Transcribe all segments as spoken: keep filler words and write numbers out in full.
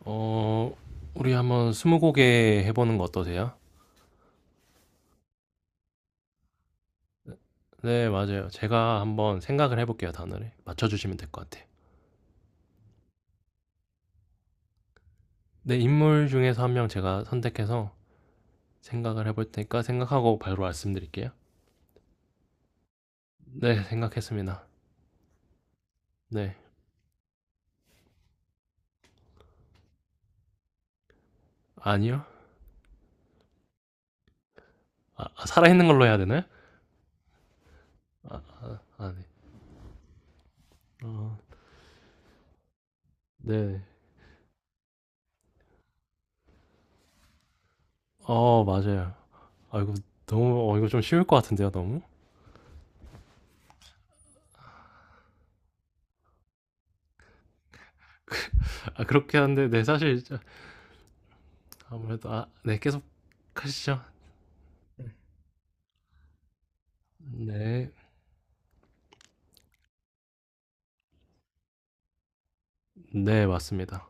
어, 우리 한번 스무고개 해보는 거 어떠세요? 네, 맞아요. 제가 한번 생각을 해볼게요, 단어를. 맞춰주시면 될 것 같아요. 네, 인물 중에서 한 명 제가 선택해서 생각을 해볼 테니까 생각하고 바로 말씀드릴게요. 네, 생각했습니다. 네, 아니요? 아, 아, 살아있는 걸로 해야 되나요? 아, 아, 아, 네. 어, 네. 어, 맞아요. 아, 이거 너무, 어, 이거 좀 쉬울 것 같은데요, 너무? 아, 그렇게 하는데, 네, 사실, 아무래도, 아, 네, 계속 하시죠. 네. 네, 맞습니다.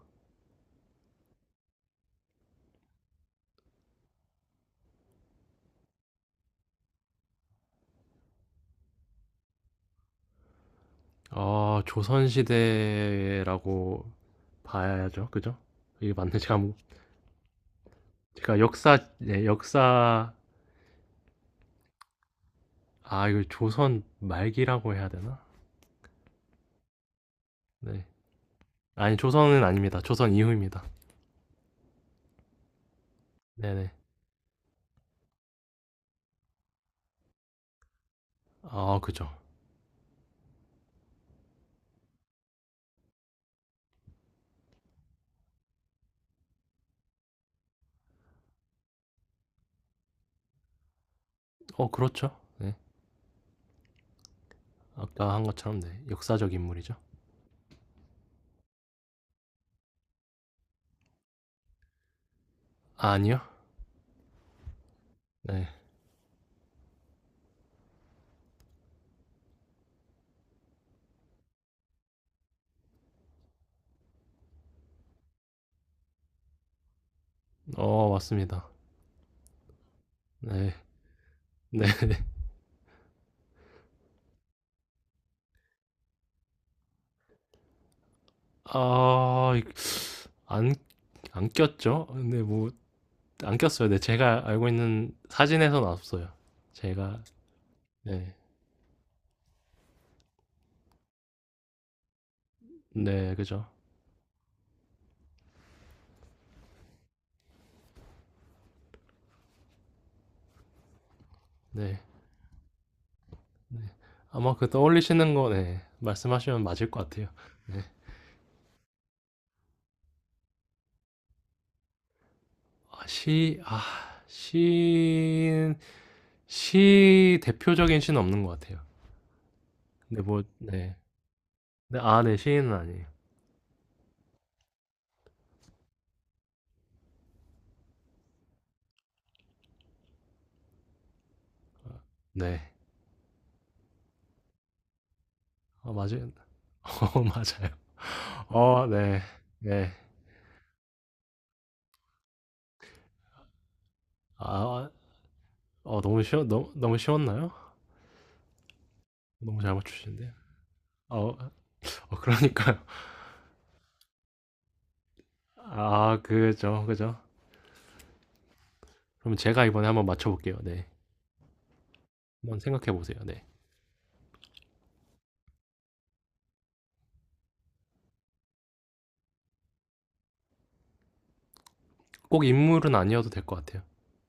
아, 조선시대라고 봐야죠. 그죠? 이게 맞네. 제가, 뭐- 제가 역사, 네, 역사, 아, 이거 조선 말기라고 해야 되나? 네. 아니, 조선은 아닙니다. 조선 이후입니다. 네네. 아, 그죠. 어, 그렇죠. 네. 아까 한 것처럼, 네. 역사적 인물이죠. 아, 니요 네. 어, 맞습니다. 네. 네. 아, 이- 안, 안 꼈죠? 근데 뭐, 안 꼈어요. 근데 제가 알고 있는 사진에서는 없어요. 제가 네, 네, 그죠. 네, 아마 그 떠올리시는 거 네, 말씀하시면 맞을 것 같아요. 네, 아, 시, 아, 시인, 시 대표적인 시는 없는 것 같아요. 근데 뭐, 네, 네, 아, 네, 시인은 아니에요. 네, 아, 맞아요. 어, 맞아요. 어, 네, 네, 아, 어, 너무 쉬워, 너무, 너무 쉬웠나요? 너무 잘 맞추시는데. 어, 어, 그러니까요. 아, 그죠, 그죠. 그럼 제가 이번에 한번 맞춰볼게요. 네. 한번 생각해 보세요. 네. 꼭 인물은 아니어도 될 것 같아요.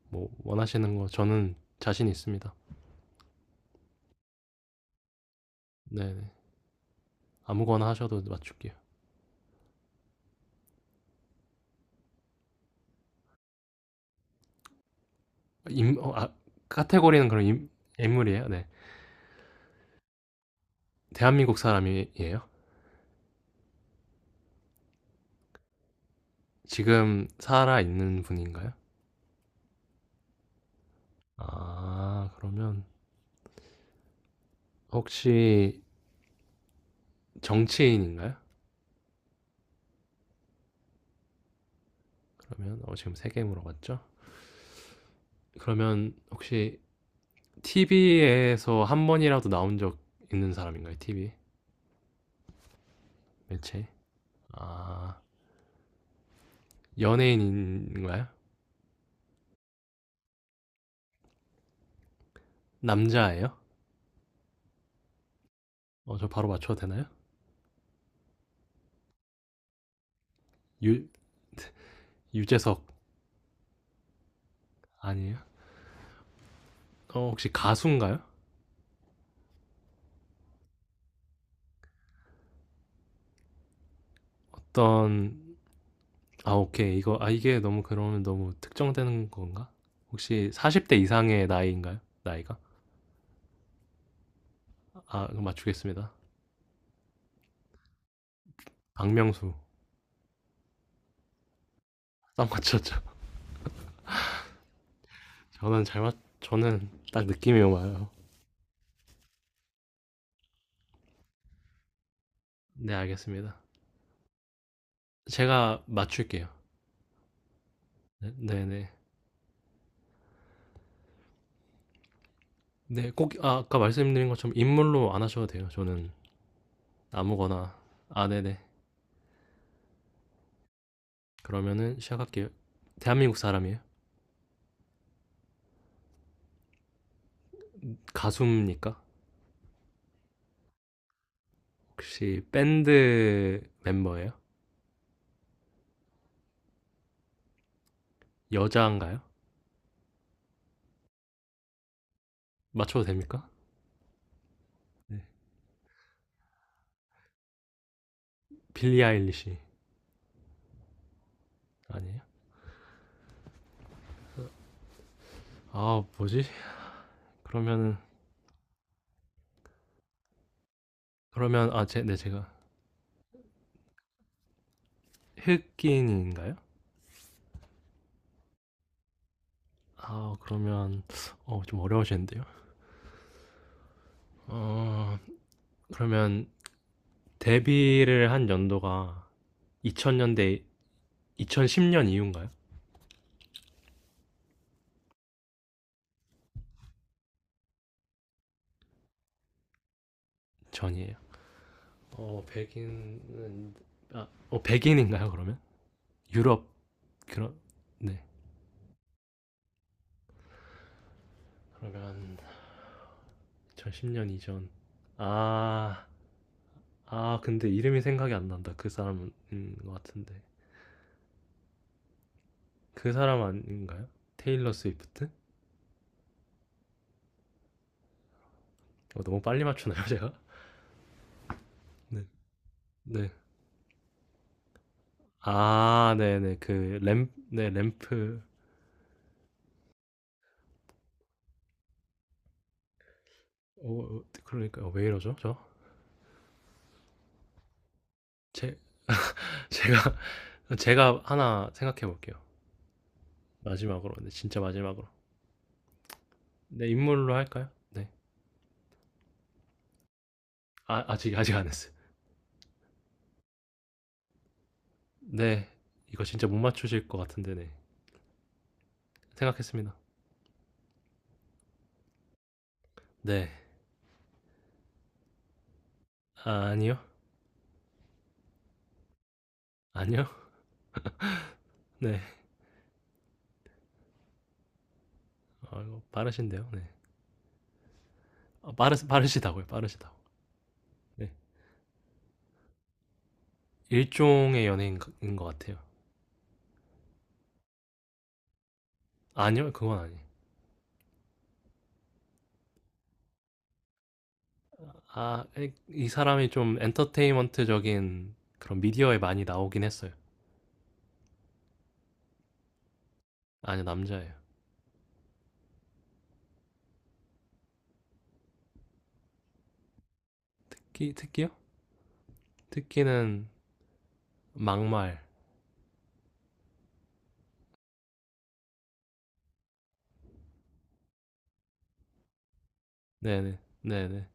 뭐 원하시는 거 저는 자신 있습니다. 네. 네. 아무거나 하셔도 맞출게요. 인, 어, 아, 카테고리는 그럼 인, 인물이에요. 네. 대한민국 사람이에요? 지금 살아 있는 분인가요? 아 그러면 혹시 정치인인가요? 그러면 어, 지금 세 개 물어봤죠? 그러면 혹시 티비에서 한 번이라도 나온 적 있는 사람인가요? 티비 매체? 아, 연예인인가요? 남자예요? 어, 저 바로 맞춰도 되나요? 유, 유재석 아니에요? 어, 혹시 가수인가요? 어떤, 아, 오케이. 이거, 아, 이게 너무 그러면 너무 특정되는 건가? 혹시 사십 대 이상의 나이인가요? 나이가? 아, 이거 맞추겠습니다. 박명수. 딱 맞췄죠? 저는 잘 맞, 저는 딱 느낌이 와요. 네, 알겠습니다. 제가 맞출게요. 네, 네. 네, 네, 꼭 아, 아까 말씀드린 것처럼 인물로 안 하셔도 돼요. 저는 아무거나. 아, 네네. 그러면은 시작할게요. 대한민국 사람이에요? 가수입니까? 혹시 밴드 멤버예요? 여자인가요? 맞춰도 됩니까? 네. 빌리 아일리시 아니에요? 아, 뭐지? 그러면은 그러면 아, 제, 네, 제가 흑인인가요? 아, 그러면 어, 좀 어려우시는데요. 어, 그러면 데뷔를 한 연도가 이천 년대 이천십 년 이후인가요? 전이에요. 어 백인은 아, 어 백인인가요 그러면? 유럽 그런 네 그러면 이천십 년 이전 아, 아 근데 이름이 생각이 안 난다 그 사람인 것 같은데 그 사람 아닌가요? 테일러 스위프트? 어, 너무 빨리 맞추나요 제가? 네, 네. 아, 네네 그 램, 네 램프 어, 어, 그러니까 왜 이러죠 저? 제, 제가 제가 하나 생각해 볼게요 마지막으로 네 진짜 마지막으로 네 인물로 할까요? 네 아, 아직 아직 안 했어요. 네, 이거 진짜 못 맞추실 것 같은데네. 생각했습니다. 네, 아, 니요 아니요. 네, 아, 이거 빠르신데요. 네, 아, 빠르 빠르시다고요. 빠르시다고. 네, 일종의 연예인인 것 같아요. 아니요, 그건 아니에요. 아, 이 이 사람이 좀 엔터테인먼트적인 그런 미디어에 많이 나오긴 했어요. 아니 남자예요. 특기 특기요? 특기는 막말. 네네 네네.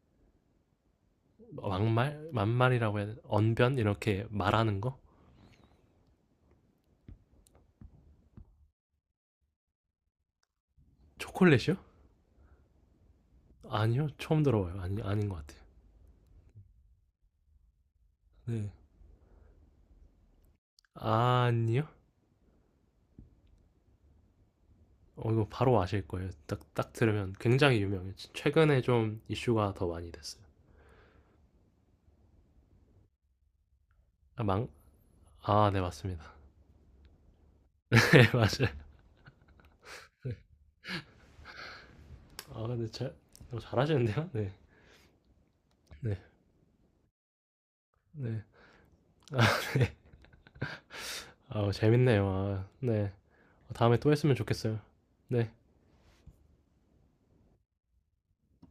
막말 만말이라고 해야 돼. 언변 이렇게 말하는 거? 초콜릿이요? 아니요, 처음 들어봐요. 아니, 아닌 것 같아요. 네. 아니요? 어, 이거 바로 아실 거예요. 딱, 딱 들으면 굉장히 유명해요. 지- 최근에 좀 이슈가 더 많이 됐어요. 아, 망, 아, 네, 맞습니다. 네, 맞아요. 아, 근데 잘, 어, 잘하시는데요? 네. 네. 네. 아, 재밌네요. 아, 네. 다음에 또 했으면 좋겠어요. 네.